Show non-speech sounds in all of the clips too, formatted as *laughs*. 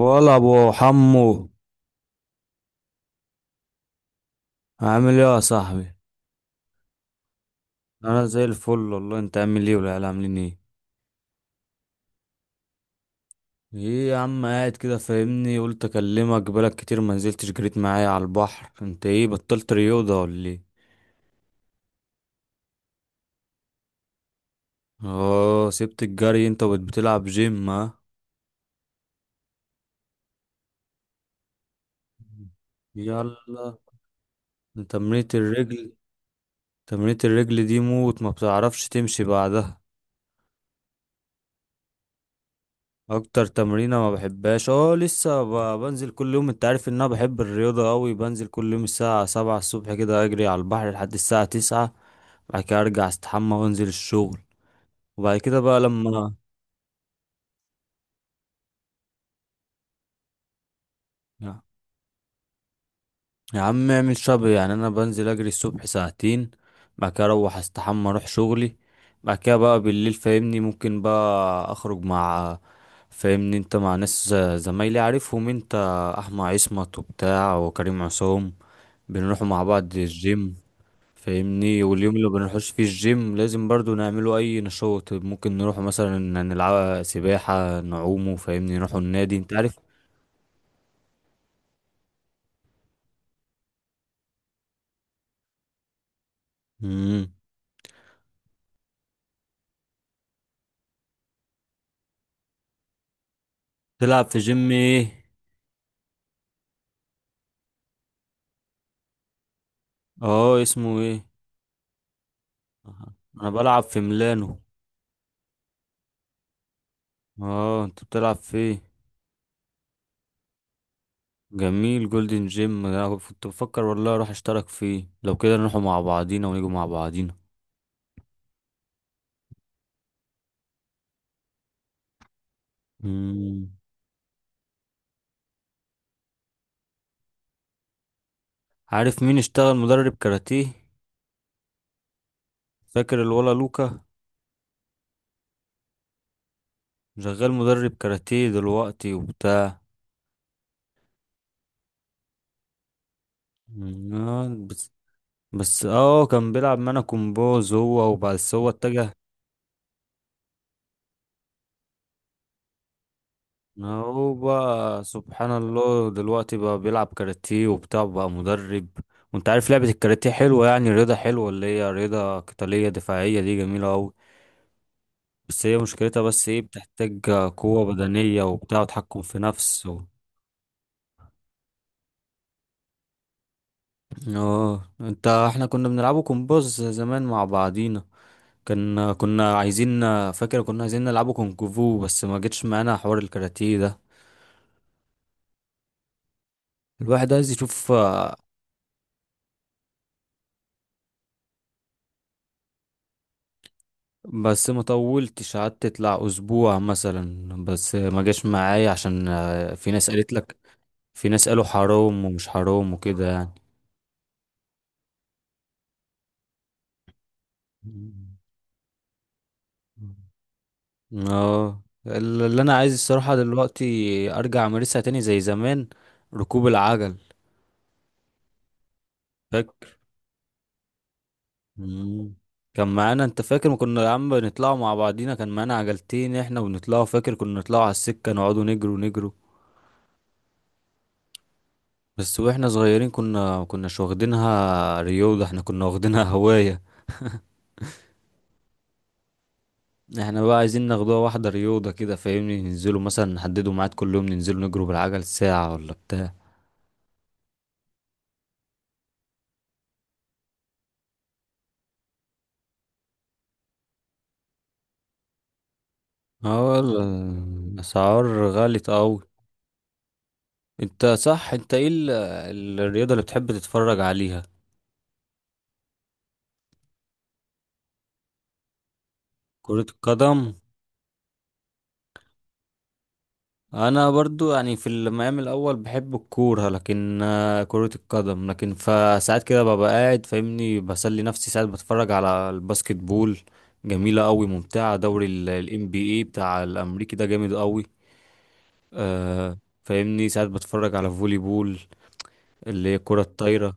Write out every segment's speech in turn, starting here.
ولا ابو حمو عامل ايه يا صاحبي. انا زي الفل والله، انت عامل ايه والعيال عاملين ايه؟ ايه يا عم قاعد كده فاهمني؟ قلت اكلمك بقالك كتير ما نزلتش جريت معايا على البحر. انت ايه بطلت رياضه ولا ايه؟ اه سبت الجري انت وبقيت بتلعب جيم؟ ها؟ يلا. تمرينة الرجل. تمرينة الرجل دي موت، ما بتعرفش تمشي بعدها. اكتر تمرينة ما بحبهاش. اه لسه بنزل كل يوم. انت عارف ان انا بحب الرياضة قوي. بنزل كل يوم الساعة 7 الصبح كده، اجري على البحر لحد الساعة 9. بعد كده ارجع استحمى وانزل الشغل. وبعد كده بقى لما يا يا عم اعمل شبه يعني. انا بنزل اجري الصبح ساعتين. بعد كده اروح استحمى اروح شغلي. بعد كده بقى بالليل فاهمني ممكن بقى اخرج مع فاهمني انت مع ناس، زمايلي عارفهم انت، احمد عصمت وبتاع وكريم عصام. بنروح مع بعض الجيم. فاهمني واليوم اللي بنروحش فيه الجيم لازم برضو نعمله اي نشاط، ممكن نروح مثلا نلعب سباحة نعومه، فاهمني نروح النادي انت عارف. مم. تلعب في جيم ايه؟ اه اسمه ايه؟ آه، انا بلعب في ميلانو. اه انت بتلعب في ايه؟ جميل جولدن جيم. انا كنت بفكر والله اروح اشترك فيه. لو كده نروحوا مع بعضينا ونيجوا مع بعضينا. مم. عارف مين اشتغل مدرب كاراتيه؟ فاكر الولا لوكا؟ شغال مدرب كاراتيه دلوقتي وبتاع. مم، آه، بس كان بيلعب معانا كومبوز، هو وبس، هو اتجه. هو بقى سبحان الله دلوقتي بقى بيلعب كاراتيه وبتاع، بقى مدرب. وانت عارف لعبة الكاراتيه حلوة يعني، رياضة حلوة اللي هي رياضة قتالية دفاعية، دي جميلة أوي. بس هي مشكلتها بس ايه، بتحتاج قوة بدنية وبتاع وتحكم في نفس و... اه انت احنا كنا بنلعبه كومبوز زمان مع بعضينا. كنا كنا عايزين فاكر كنا عايزين نلعبه كونغ فو بس ما جتش معانا حوار الكاراتيه ده. الواحد عايز يشوف بس ما طولتش، قعدت تطلع اسبوع مثلا، بس ما جاش معايا عشان في ناس قالت لك، في ناس قالوا حرام ومش حرام وكده يعني. اه اللي انا عايز الصراحه دلوقتي، ارجع امارسها تاني زي زمان. ركوب العجل. مم. كان معانا، انت فاكر ما كنا يا عم بنطلعوا مع بعضينا؟ كان معانا عجلتين احنا ونطلعوا. فاكر كنا نطلعوا على السكة نقعدوا نجروا نجروا. بس واحنا صغيرين كنا ما كناش واخدينها رياضة، احنا كنا واخدينها *laughs* هواية. احنا بقى عايزين ناخدوها واحدة رياضة كده، فاهمني ننزلوا مثلا نحددوا ميعاد كل يوم ننزلوا نجروا بالعجل ساعة ولا بتاع. اه اسعار غالية اوي. انت صح، انت ايه الرياضة اللي بتحب تتفرج عليها؟ كرة القدم. انا برضو يعني في المقام الاول بحب الكوره، لكن كرة القدم. لكن فساعات كده ببقى قاعد فاهمني بسلي نفسي، ساعات بتفرج على الباسكت بول. جميلة قوي ممتعة، دوري الام بي اي بتاع الامريكي ده جامد قوي. آه. فاهمني ساعات بتفرج على فولي بول، اللي هي الكرة الطايرة.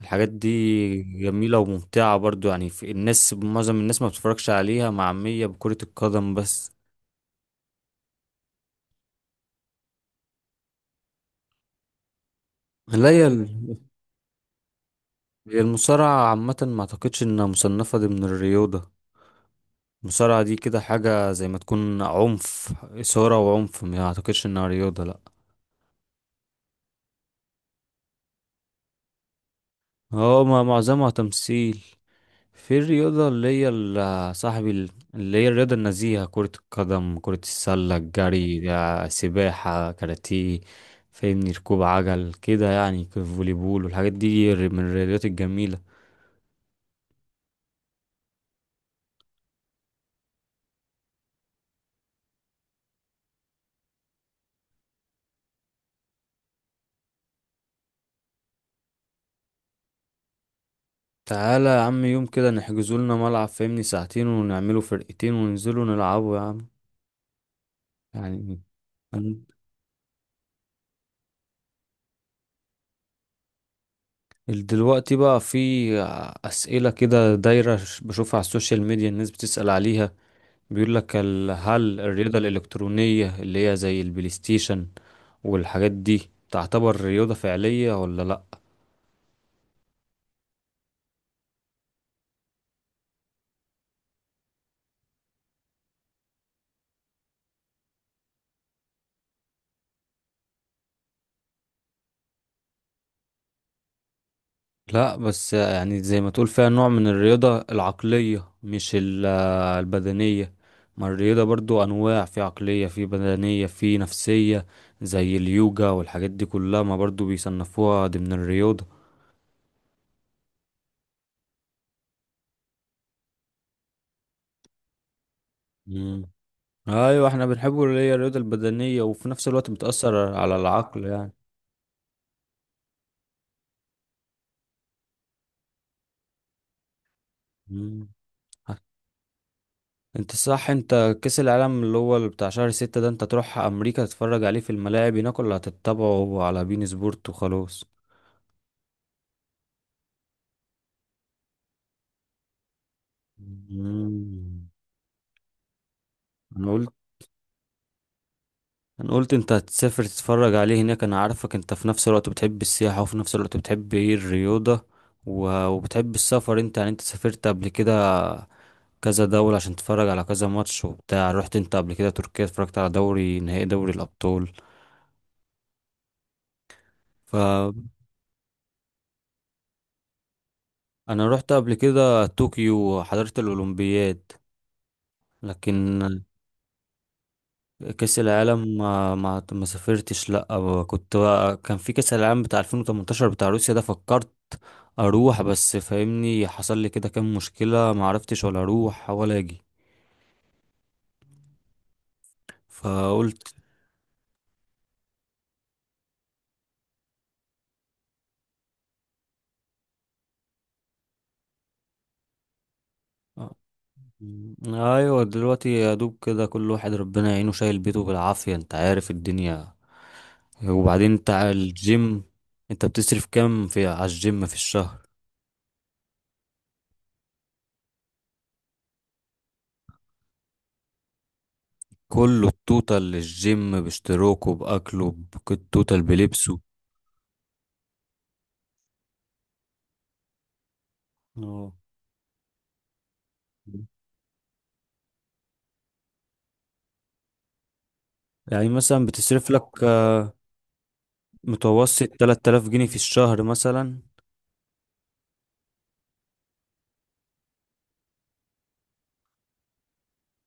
الحاجات دي جميلة وممتعة برضو. يعني في الناس، معظم الناس ما بتتفرجش عليها، معمية بكرة القدم بس. لا، هي المصارعة عامة ما اعتقدش انها مصنفة ضمن الرياضة. المصارعة دي كده حاجة زي ما تكون عنف، إثارة وعنف. ما اعتقدش انها رياضة، لا. هو ما معظمها تمثيل. في الرياضة اللي هي صاحبي اللي هي الرياضة النزيهة، كرة القدم، كرة السلة، الجري ده، سباحة، كاراتيه. فاهمني ركوب عجل كده يعني، كيف فولي بول والحاجات دي من الرياضات الجميلة. تعالى يا عم يوم كده، نحجزوا لنا ملعب فاهمني ساعتين، ونعملوا فرقتين وننزلوا نلعبوا يا عم. يعني أن- دلوقتي بقى في أسئلة كده دايرة، بشوفها على السوشيال ميديا، الناس بتسأل عليها. بيقول لك هل الرياضة الإلكترونية اللي هي زي البلاي ستيشن والحاجات دي تعتبر رياضة فعلية ولا لأ؟ لا بس يعني زي ما تقول فيها نوع من الرياضة العقلية، مش البدنية. ما الرياضة برضو أنواع، في عقلية، في بدنية، في نفسية. زي اليوجا والحاجات دي كلها ما برضو بيصنفوها ضمن الرياضة. مم. أيوة احنا بنحبه اللي هي الرياضة البدنية، وفي نفس الوقت بتأثر على العقل يعني. مم. انت صح. انت كأس العالم اللي هو اللي بتاع شهر 6 ده، انت تروح أمريكا تتفرج عليه في الملاعب هناك ولا هتتابعه على بين سبورت وخلاص؟ مم. انا قلت انا قلت انت هتسافر تتفرج عليه هناك. انا عارفك انت في نفس الوقت بتحب السياحة، وفي نفس الوقت بتحب ايه، الرياضة وبتحب السفر. انت يعني انت سافرت قبل كده كذا دولة عشان تتفرج على كذا ماتش وبتاع. رحت انت قبل كده تركيا اتفرجت على دوري نهائي دوري الأبطال. فانا رحت قبل كده طوكيو وحضرت الأولمبياد. لكن كأس العالم ما سافرتش لا. أو كنت بقى، كان في كأس العالم بتاع 2018 بتاع روسيا ده، فكرت اروح، بس فاهمني حصل لي كده كام مشكلة، ما عرفتش ولا اروح ولا اجي، فقلت آه، ايوه دلوقتي يا دوب كده، كل واحد ربنا يعينه شايل بيته بالعافية، انت عارف الدنيا. وبعدين انت على الجيم، انت بتصرف كام في على الجيم في الشهر؟ كله التوتال للجيم، باشتراكه، باكله، التوتال بلبسه. اه يعني مثلا بتصرف لك متوسط 3000 جنيه في الشهر مثلا؟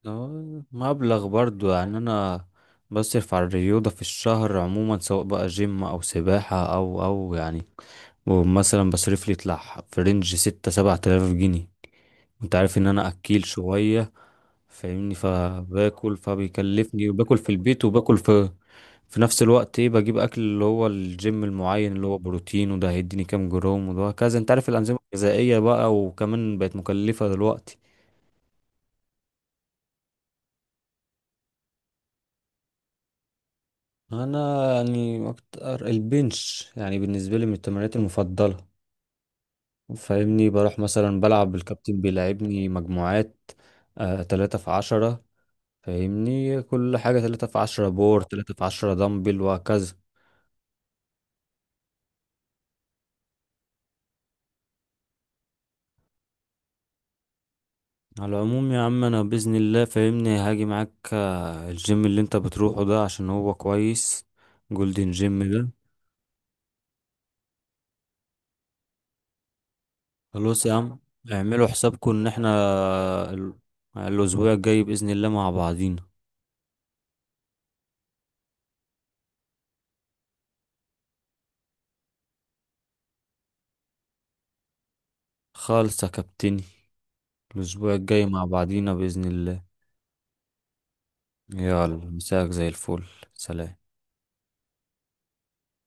اه، مبلغ برضو يعني. انا بصرف على الرياضة في الشهر عموما، سواء بقى جيم او سباحة او يعني. ومثلا بصرف لي يطلع في رينج ستة سبعة آلاف جنيه. انت عارف ان انا اكيل شوية. فاهمني فباكل فبيكلفني، وباكل في البيت وباكل في، في نفس الوقت ايه، بجيب اكل اللي هو الجيم المعين اللي هو بروتين، وده هيديني كام جرام وده كذا. انت عارف الانظمه الغذائيه بقى وكمان بقت مكلفه دلوقتي. انا يعني اكتر البنش يعني بالنسبه لي من التمارين المفضله. فاهمني بروح مثلا بلعب الكابتن بيلعبني مجموعات. آه تلاتة في عشرة. فاهمني كل حاجة تلاتة في عشرة بور، تلاتة في عشرة دمبل، وهكذا. على العموم يا عم انا باذن الله فاهمني هاجي معاك الجيم اللي انت بتروحه ده عشان هو كويس، جولدن جيم ده. خلاص يا عم. اعملوا حسابكم ان احنا الاسبوع الجاي باذن الله مع بعضينا. خالص يا كابتني، الاسبوع الجاي مع بعضينا باذن الله. يلا، مساك زي الفل. سلام.